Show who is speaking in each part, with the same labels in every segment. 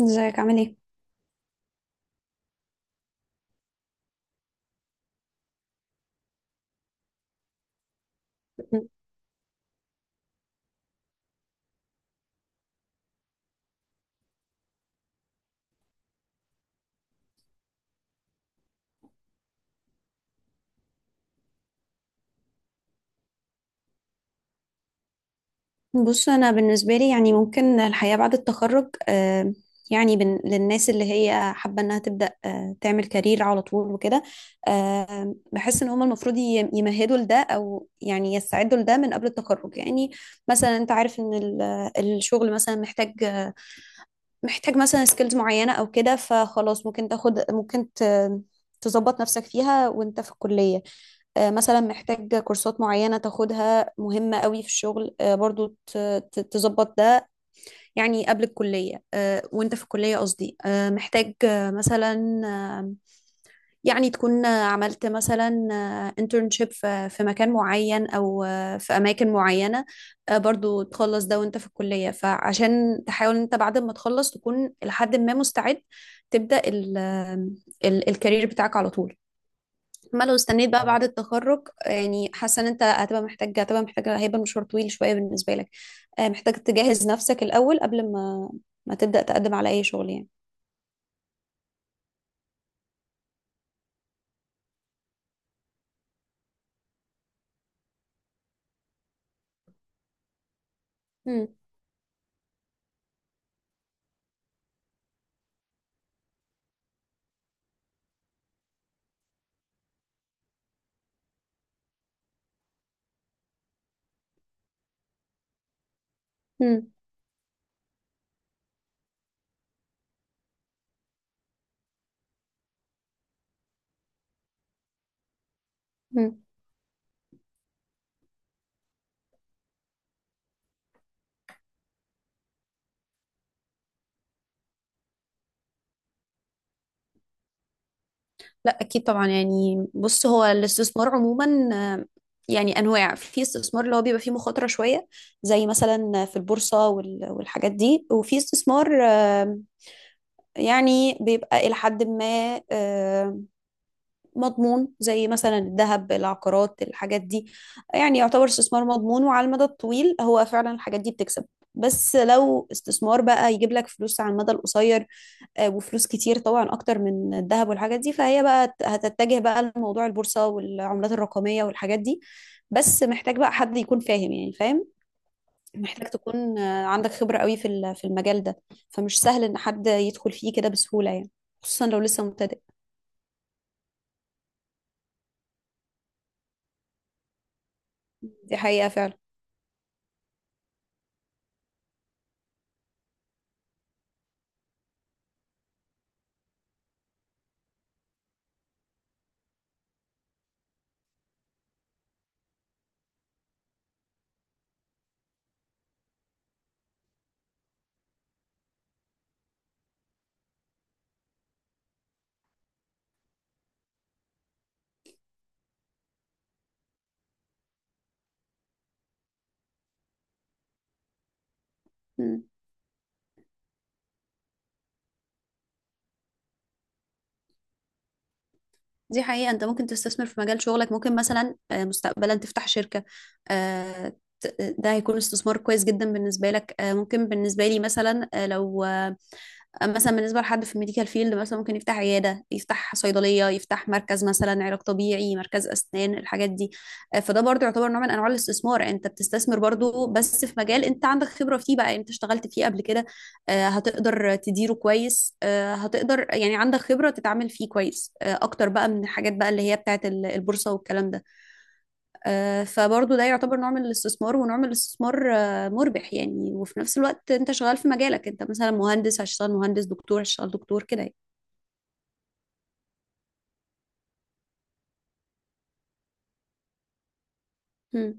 Speaker 1: ازيك عامل ايه؟ بص، انا بالنسبه لي يعني ممكن الحياه بعد التخرج، يعني للناس اللي هي حابه انها تبدا تعمل كارير على طول وكده. بحس ان هم المفروض يمهدوا لده او يعني يستعدوا لده من قبل التخرج. يعني مثلا انت عارف ان الشغل مثلا محتاج مثلا سكيلز معينة او كده، فخلاص ممكن تاخد ممكن تظبط نفسك فيها وانت في الكلية. مثلا محتاج كورسات معينة تاخدها مهمة قوي في الشغل، برضو تظبط ده يعني قبل الكلية، وانت في الكلية قصدي، محتاج مثلا يعني تكون عملت مثلا انترنشيب في مكان معين او في اماكن معينه، برضو تخلص ده وانت في الكليه. فعشان تحاول انت بعد ما تخلص تكون لحد ما مستعد تبدا ال ال الكارير بتاعك على طول. ما لو استنيت بقى بعد التخرج، يعني حاسه ان انت هتبقى محتاج هيبقى مشوار طويل شويه بالنسبه لك، محتاج تجهز نفسك الاول قبل ما تبدا تقدم على اي شغل يعني. مم. مم. مم. لا اكيد طبعا. يعني بص، هو الاستثمار عموما يعني انواع. في استثمار اللي هو بيبقى فيه مخاطره شويه، زي مثلا في البورصه والحاجات دي. وفي استثمار يعني بيبقى الى حد ما مضمون، زي مثلا الذهب، العقارات، الحاجات دي. يعني يعتبر استثمار مضمون، وعلى المدى الطويل هو فعلا الحاجات دي بتكسب. بس لو استثمار بقى يجيب لك فلوس على المدى القصير وفلوس كتير طبعا اكتر من الذهب والحاجات دي، فهي بقى هتتجه بقى لموضوع البورصة والعملات الرقمية والحاجات دي. بس محتاج بقى حد يكون فاهم، يعني فاهم. محتاج تكون عندك خبرة قوي في في المجال ده، فمش سهل ان حد يدخل فيه كده بسهولة يعني، خصوصا لو لسه مبتدئ. دي حقيقة فعلا. دي حقيقة، انت ممكن تستثمر في مجال شغلك. ممكن مثلا مستقبلا تفتح شركة، آه، ده هيكون استثمار كويس جدا بالنسبة لك. ممكن بالنسبة لي مثلا، لو مثلا بالنسبة لحد في الميديكال فيلد، مثلا ممكن يفتح عيادة، يفتح صيدلية، يفتح مركز مثلا علاج طبيعي، مركز أسنان، الحاجات دي. فده برضو يعتبر نوع من أنواع الاستثمار. أنت بتستثمر برضو، بس في مجال أنت عندك خبرة فيه، بقى أنت اشتغلت فيه قبل كده. هتقدر تديره كويس، هتقدر يعني عندك خبرة تتعامل فيه كويس، أكتر بقى من الحاجات بقى اللي هي بتاعت البورصة والكلام ده. فبرضه ده يعتبر نوع من الاستثمار، ونوع من الاستثمار مربح يعني. وفي نفس الوقت انت شغال في مجالك، انت مثلا مهندس هتشتغل مهندس، دكتور هتشتغل دكتور كده يعني.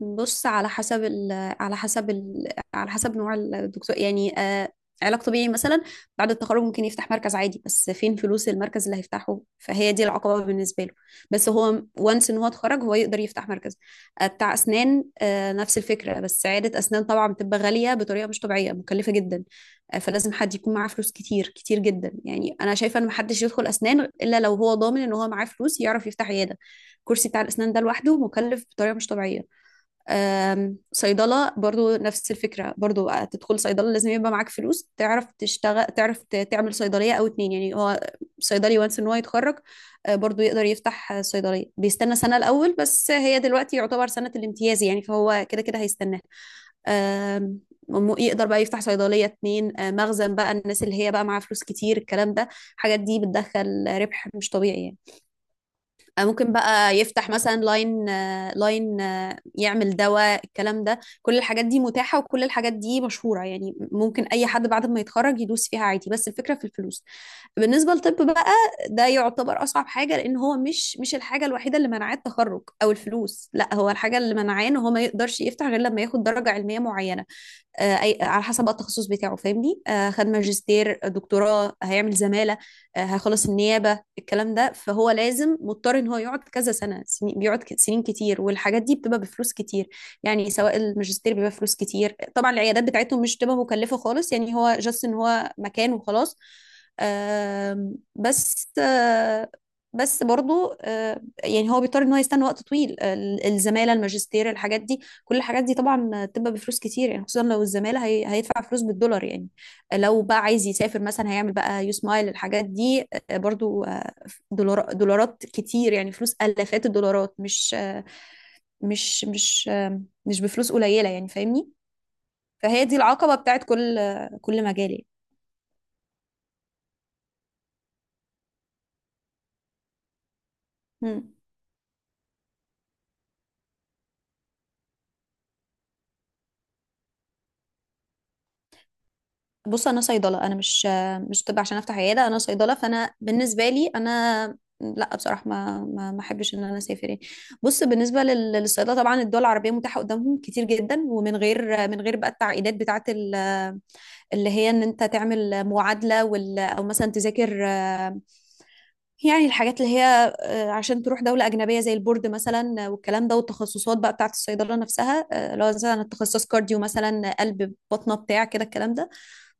Speaker 1: بص، على حسب ال على حسب ال على حسب نوع الدكتور يعني. علاج طبيعي مثلا، بعد التخرج ممكن يفتح مركز عادي، بس فين فلوس المركز اللي هيفتحه؟ فهي دي العقبة بالنسبة له. بس هو وانس ان هو اتخرج، هو يقدر يفتح مركز بتاع اسنان. نفس الفكرة، بس عيادة اسنان طبعا بتبقى غالية بطريقة مش طبيعية، مكلفة جدا. فلازم حد يكون معاه فلوس كتير كتير جدا. يعني انا شايفة ان محدش يدخل اسنان الا لو هو ضامن ان هو معاه فلوس يعرف يفتح عيادة. الكرسي بتاع الاسنان ده لوحده مكلف بطريقة مش طبيعية. صيدلة برضو نفس الفكرة. برضو تدخل صيدلة لازم يبقى معاك فلوس تعرف تشتغل، تعرف تعمل صيدلية أو اتنين. يعني هو صيدلي وانس إن هو يتخرج، برضو يقدر يفتح صيدلية. بيستنى سنة الأول بس، هي دلوقتي يعتبر سنة الامتياز يعني، فهو كده كده هيستناها. آم، يقدر بقى يفتح صيدلية، اتنين، مخزن بقى، الناس اللي هي بقى معاها فلوس كتير الكلام ده. الحاجات دي بتدخل ربح مش طبيعي يعني. ممكن بقى يفتح مثلا لاين يعمل دواء الكلام ده. كل الحاجات دي متاحة وكل الحاجات دي مشهورة يعني، ممكن أي حد بعد ما يتخرج يدوس فيها عادي، بس الفكرة في الفلوس. بالنسبة للطب بقى، ده يعتبر أصعب حاجة، لأن هو مش الحاجة الوحيدة اللي منعاه التخرج أو الفلوس. لا، هو الحاجة اللي منعاه إن هو ما يقدرش يفتح غير لما ياخد درجة علمية معينة، أي على حسب بقى التخصص بتاعه فاهمني. خد ماجستير، دكتوراه، هيعمل زمالة، هيخلص النيابة، الكلام ده. فهو لازم مضطر ان هو يقعد كذا سنة، سنين بيقعد سنين كتير، والحاجات دي بتبقى بفلوس كتير. يعني سواء الماجستير بيبقى فلوس كتير طبعا. العيادات بتاعتهم مش بتبقى مكلفة خالص يعني، هو جاست ان هو مكان وخلاص. آم، بس آه، بس برضو يعني هو بيضطر ان هو يستنى وقت طويل، الزمالة، الماجستير، الحاجات دي. كل الحاجات دي طبعا بتبقى بفلوس كتير يعني، خصوصا لو الزمالة هيدفع فلوس بالدولار يعني. لو بقى عايز يسافر مثلا، هيعمل بقى يو سمايل الحاجات دي، برضو دولارات كتير يعني، فلوس آلافات الدولارات، مش بفلوس قليلة يعني فاهمني. فهي دي العقبة بتاعت كل كل مجال يعني. مم. بص، انا صيدله، انا مش طب عشان افتح عياده، انا صيدله. فانا بالنسبه لي، انا لا، بصراحه ما احبش ان انا اسافر يعني. بص، بالنسبه للصيدله طبعا، الدول العربيه متاحه قدامهم كتير جدا، ومن غير من غير بقى التعقيدات بتاعه اللي هي ان انت تعمل معادله، وال، او مثلا تذاكر، يعني الحاجات اللي هي عشان تروح دولة أجنبية زي البورد مثلا، والكلام ده. والتخصصات بقى بتاعة الصيدلة نفسها، لو مثلا التخصص كارديو مثلا، قلب بطنة بتاع كده الكلام ده،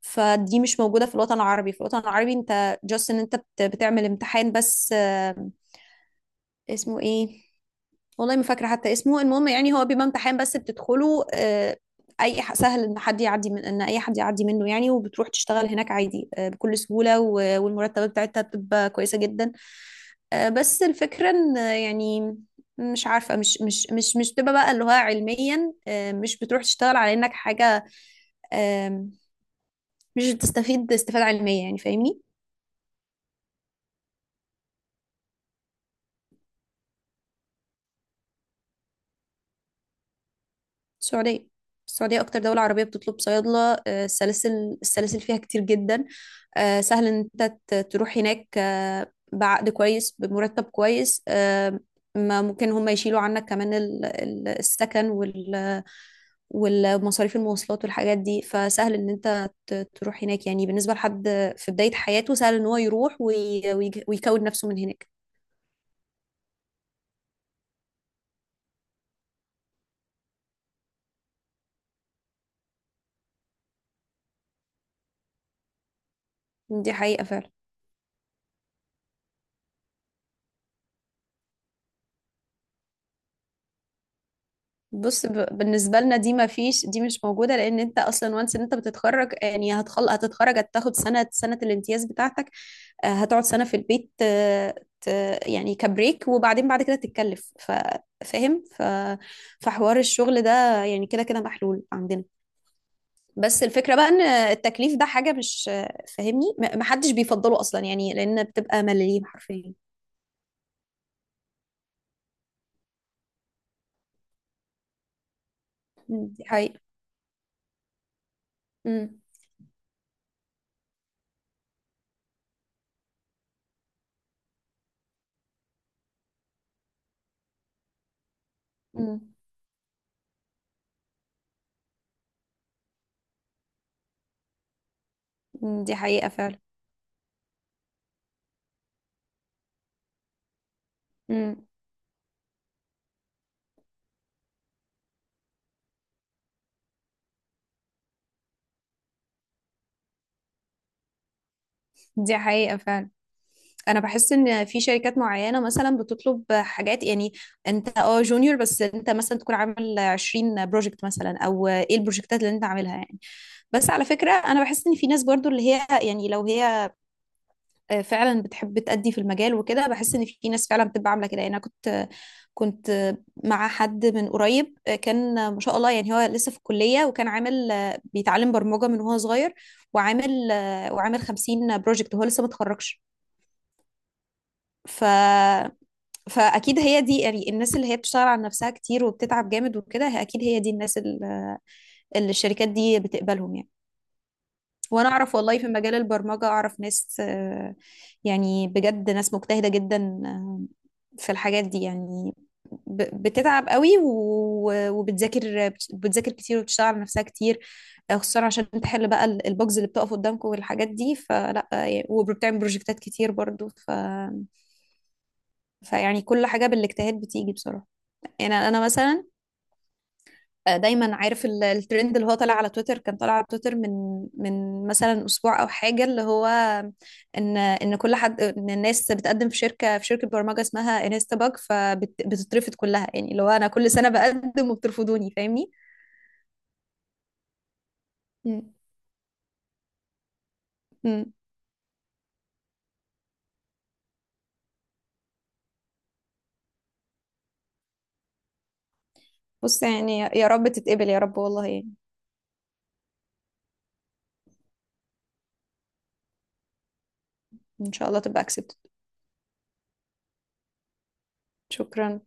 Speaker 1: فدي مش موجودة في الوطن العربي. في الوطن العربي انت جاست ان انت بتعمل امتحان بس، اسمه ايه، والله ما فاكرة حتى اسمه، المهم. يعني هو بيبقى امتحان بس بتدخله، سهل ان حد يعدي من، ان اي حد يعدي منه يعني، وبتروح تشتغل هناك عادي، بكل سهولة. والمرتبات بتاعتها بتبقى كويسة جدا، بس الفكرة ان يعني مش عارفة، مش بتبقى بقى اللي هو علميا، مش بتروح تشتغل على انك حاجة. آم، مش بتستفيد استفادة علمية يعني فاهمني. السعودية. السعودية أكتر دولة عربية بتطلب صيادلة. السلاسل فيها كتير جدا. سهل إن أنت تروح هناك، بعقد كويس، بمرتب كويس. ما ممكن هم يشيلوا عنك كمان السكن، والمصاريف، المواصلات، والحاجات دي. فسهل ان انت تروح هناك، يعني بالنسبة لحد في بداية حياته سهل ان هو يروح ويكون نفسه من هناك. دي حقيقة فعلا. بص، بالنسبة لنا دي ما فيش، دي مش موجودة، لأن أنت أصلا وانس إن أنت بتتخرج، يعني هتتخرج، هتاخد سنة، سنة الامتياز بتاعتك. هتقعد سنة في البيت، يعني كبريك، وبعدين بعد كده تتكلف. فاهم. فحوار الشغل ده يعني كده كده محلول عندنا. بس الفكرة بقى ان التكليف ده حاجة مش فاهمني، محدش بيفضله اصلا يعني، لان بتبقى ملاليم حرفيا. دي حقيقة. مم، مم، دي حقيقة فعلا. مم، دي حقيقة فعلا. انا بحس ان في شركات معينة مثلا بتطلب حاجات، يعني انت جونيور، بس انت مثلا تكون عامل 20 بروجكت مثلا، او ايه البروجكتات اللي انت عاملها يعني. بس على فكرة، انا بحس ان في ناس برضو اللي هي يعني لو هي فعلا بتحب تأدي في المجال وكده. بحس ان في ناس فعلا بتبقى عامله كده يعني. انا كنت مع حد من قريب، كان ما شاء الله. يعني هو لسه في الكليه وكان عامل بيتعلم برمجه من وهو صغير، وعامل 50 بروجكت وهو لسه ما اتخرجش. ف فاكيد هي دي يعني الناس اللي هي بتشتغل على نفسها كتير وبتتعب جامد وكده. اكيد هي دي الناس اللي الشركات دي بتقبلهم يعني. وانا اعرف والله في مجال البرمجة اعرف ناس، يعني بجد ناس مجتهدة جدا، في الحاجات دي يعني. بتتعب قوي وبتذاكر كتير، وبتشتغل على نفسها كتير، خصوصا عشان تحل بقى البجز اللي بتقف قدامكم والحاجات دي. فلا، وبتعمل بروجكتات كتير برضو. فيعني كل حاجة بالاجتهاد بتيجي بصراحة. يعني انا مثلا دايما عارف الترند اللي هو طالع على تويتر. كان طالع على تويتر من مثلا اسبوع او حاجه، اللي هو ان كل حد، ان الناس بتقدم في شركه، برمجه اسمها انستا باج، فبتترفض كلها. يعني اللي هو انا كل سنه بقدم وبترفضوني فاهمني. مم. مم. بص، يعني يا رب تتقبل، يا رب والله يعني. ان شاء الله تبقى accepted. شكرا.